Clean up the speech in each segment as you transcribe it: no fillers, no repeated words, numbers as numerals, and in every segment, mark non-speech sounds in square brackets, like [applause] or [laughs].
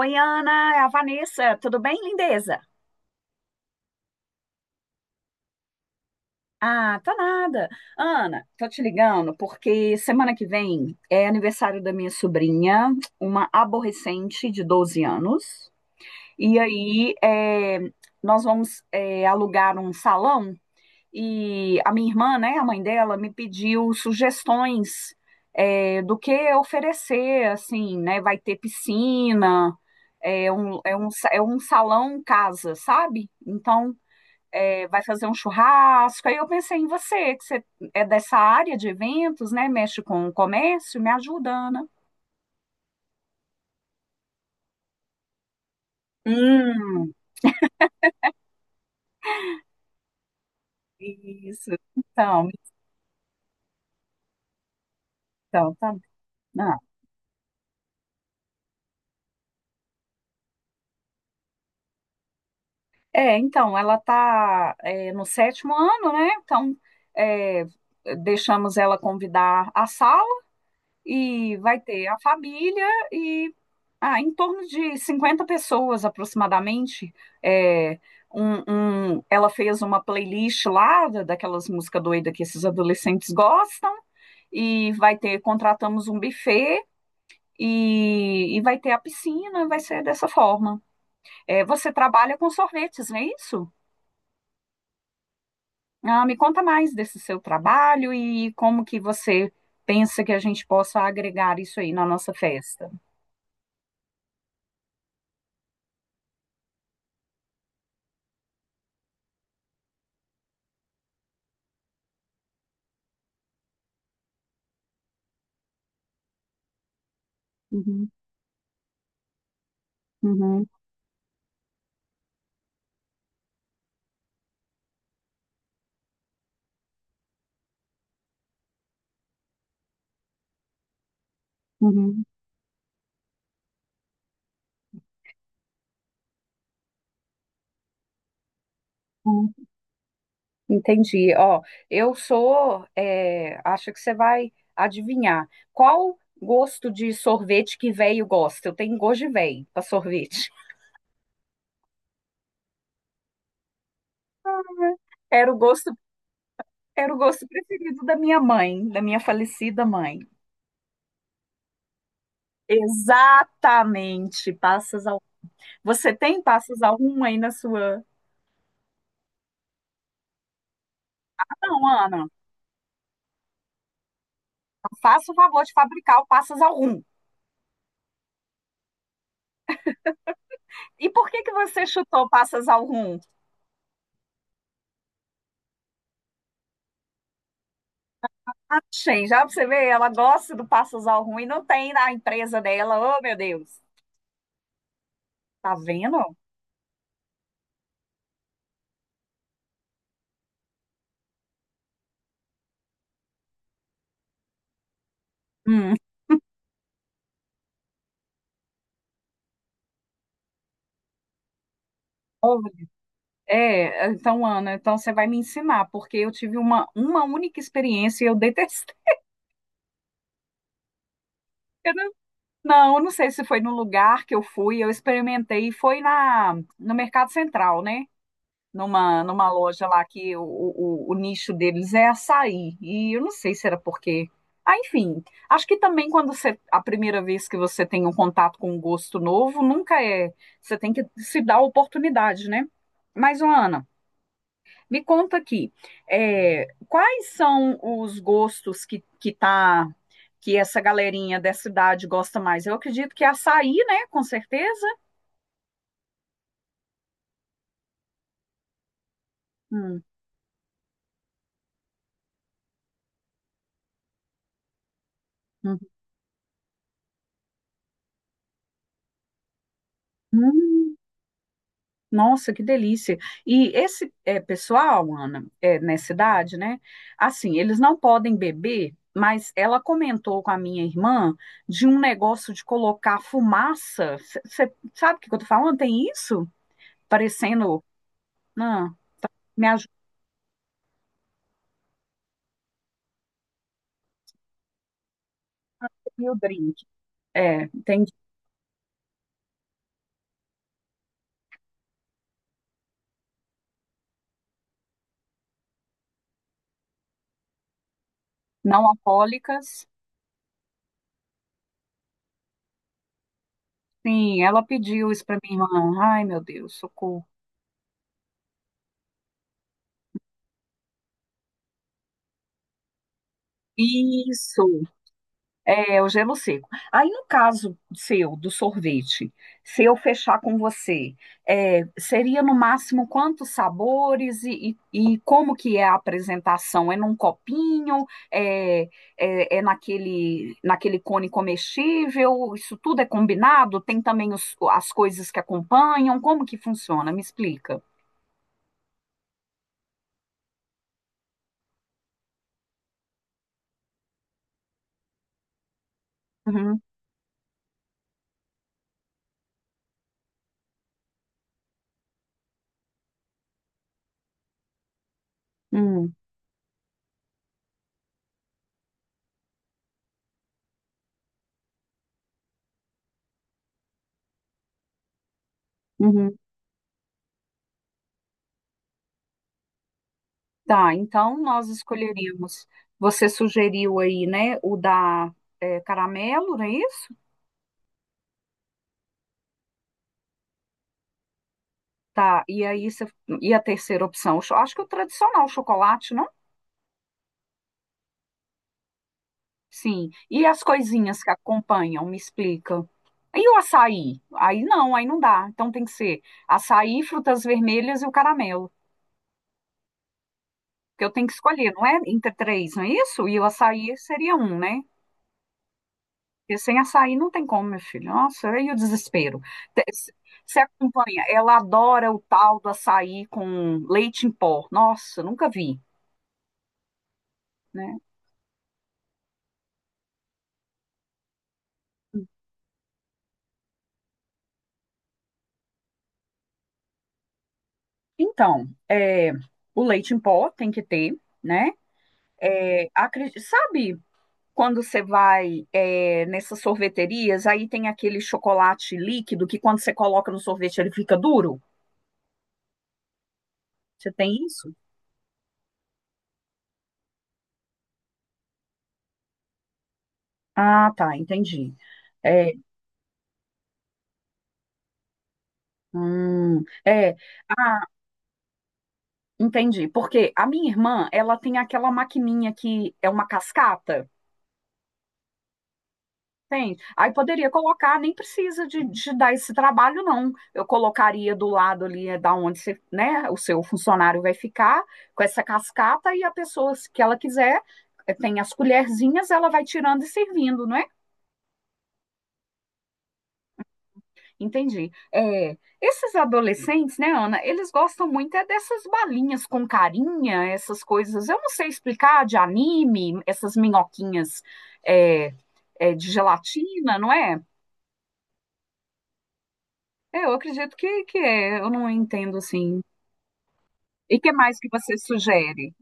Oi, Ana, é a Vanessa. Tudo bem, lindeza? Ah, tá nada. Ana, tô te ligando porque semana que vem é aniversário da minha sobrinha, uma aborrecente de 12 anos. E aí, nós vamos, alugar um salão e a minha irmã, né, a mãe dela, me pediu sugestões, do que oferecer, assim, né? Vai ter piscina, é um salão casa, sabe? Então. Vai fazer um churrasco. Aí eu pensei em você, que você é dessa área de eventos, né? Mexe com o comércio, me ajuda, Ana. Hum, isso. Então, então, tá. Não. É, então, ela está no sétimo ano, né? Então, é, deixamos ela convidar a sala. E vai ter a família e em torno de 50 pessoas aproximadamente. É, um, Ela fez uma playlist lá daquelas músicas doidas que esses adolescentes gostam e vai ter, contratamos um buffet. E vai ter a piscina, vai ser dessa forma. É, você trabalha com sorvetes, não é isso? Ah, me conta mais desse seu trabalho e como que você pensa que a gente possa agregar isso aí na nossa festa. Uhum, uhum. Uhum, uhum. Entendi. Ó, eu sou, acho que você vai adivinhar. Qual gosto de sorvete que véio gosta? Eu tenho gosto de véio para sorvete. [laughs] Era o gosto, era o gosto preferido da minha mãe, da minha falecida mãe. Exatamente, passas ao. Você tem passas ao rum aí na sua? Ah, não, Ana, faça o favor de fabricar o passas ao rum. E por que que você chutou passas ao rum? Achei, já pra você ver, ela gosta do Passosal ruim, não tem na empresa dela. Oh, meu Deus, tá vendo? Hum. Olha, então, Ana, então você vai me ensinar, porque eu tive uma única experiência e eu detestei. [laughs] Eu não, não, eu não sei se foi no lugar que eu fui, eu experimentei, foi no Mercado Central, né? Numa loja lá que o nicho deles é açaí. E eu não sei se era porque. Ah, enfim, acho que também quando você, a primeira vez que você tem um contato com um gosto novo, nunca é. Você tem que se dar a oportunidade, né? Mas, ô, Ana, me conta aqui, quais são os gostos que tá. Que essa galerinha dessa idade gosta mais. Eu acredito que é açaí, né? Com certeza. Hum, hum, hum. Nossa, que delícia. E esse é, pessoal, Ana, nessa idade, né? Assim, eles não podem beber, mas ela comentou com a minha irmã de um negócio de colocar fumaça. Você sabe o que que eu tô falando? Tem isso? Parecendo. Não, tá, me ajuda aí o drink. É, entendi. Não alcoólicas. Sim, ela pediu isso para minha irmã. Ai, meu Deus, socorro. Isso. É, o gelo seco. Aí, no caso seu, do sorvete, se eu fechar com você, seria no máximo quantos sabores e como que é a apresentação? É num copinho? É, é naquele cone comestível? Isso tudo é combinado? Tem também as coisas que acompanham? Como que funciona? Me explica. Uhum, uhum, uhum. Tá, então nós escolheríamos. Você sugeriu aí, né, o da caramelo, não é isso? Tá, e a terceira opção? Eu acho que o tradicional, o chocolate, não? Sim. E as coisinhas que acompanham, me explica. E o açaí? Aí não dá. Então tem que ser açaí, frutas vermelhas e o caramelo. Que eu tenho que escolher, não é? Entre três, não é isso? E o açaí seria um, né? Porque sem açaí não tem como, meu filho. Nossa, e o desespero. Te- se- Você acompanha, ela adora o tal do açaí com leite em pó. Nossa, nunca vi, né? Então, o leite em pó tem que ter, né? Sabe quando você vai nessas sorveterias, aí tem aquele chocolate líquido que quando você coloca no sorvete ele fica duro? Você tem isso? Ah, tá, entendi. É, é. Ah, entendi, porque a minha irmã, ela tem aquela maquininha que é uma cascata, tem? Aí poderia colocar, nem precisa de dar esse trabalho, não. Eu colocaria do lado ali, é da onde você, né, o seu funcionário vai ficar, com essa cascata, e a pessoa, se que ela quiser, tem as colherzinhas, ela vai tirando e servindo, não é? Entendi. Esses adolescentes, né, Ana, eles gostam muito é dessas balinhas com carinha, essas coisas, eu não sei explicar, de anime, essas minhoquinhas é, de gelatina, não é? Eu acredito que eu não entendo assim. E que mais que você sugere?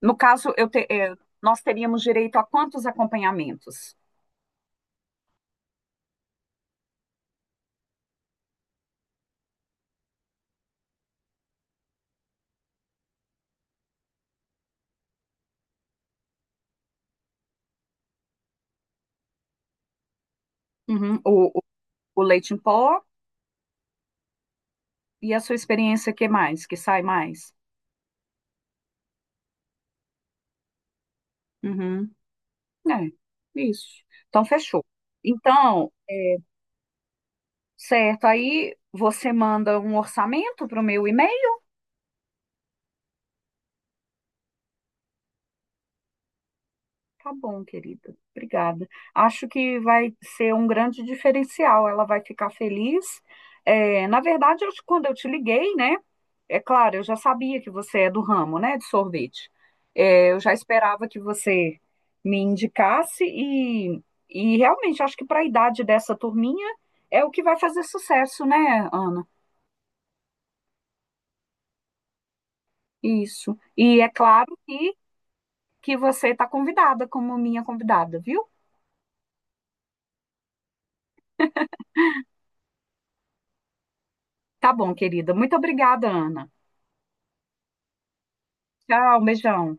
No caso, nós teríamos direito a quantos acompanhamentos? Uhum, o leite em pó e a sua experiência, que mais? Que sai mais? Uhum. É, isso. Então, fechou. Então, certo. Aí você manda um orçamento para o meu e-mail? Tá bom, querida. Obrigada. Acho que vai ser um grande diferencial. Ela vai ficar feliz. É, na verdade, quando eu te liguei, né? É claro, eu já sabia que você é do ramo, né, de sorvete. É, eu já esperava que você me indicasse e realmente acho que para a idade dessa turminha é o que vai fazer sucesso, né, Ana? Isso. E é claro que você está convidada como minha convidada, viu? Tá bom, querida. Muito obrigada, Ana. Tchau, beijão.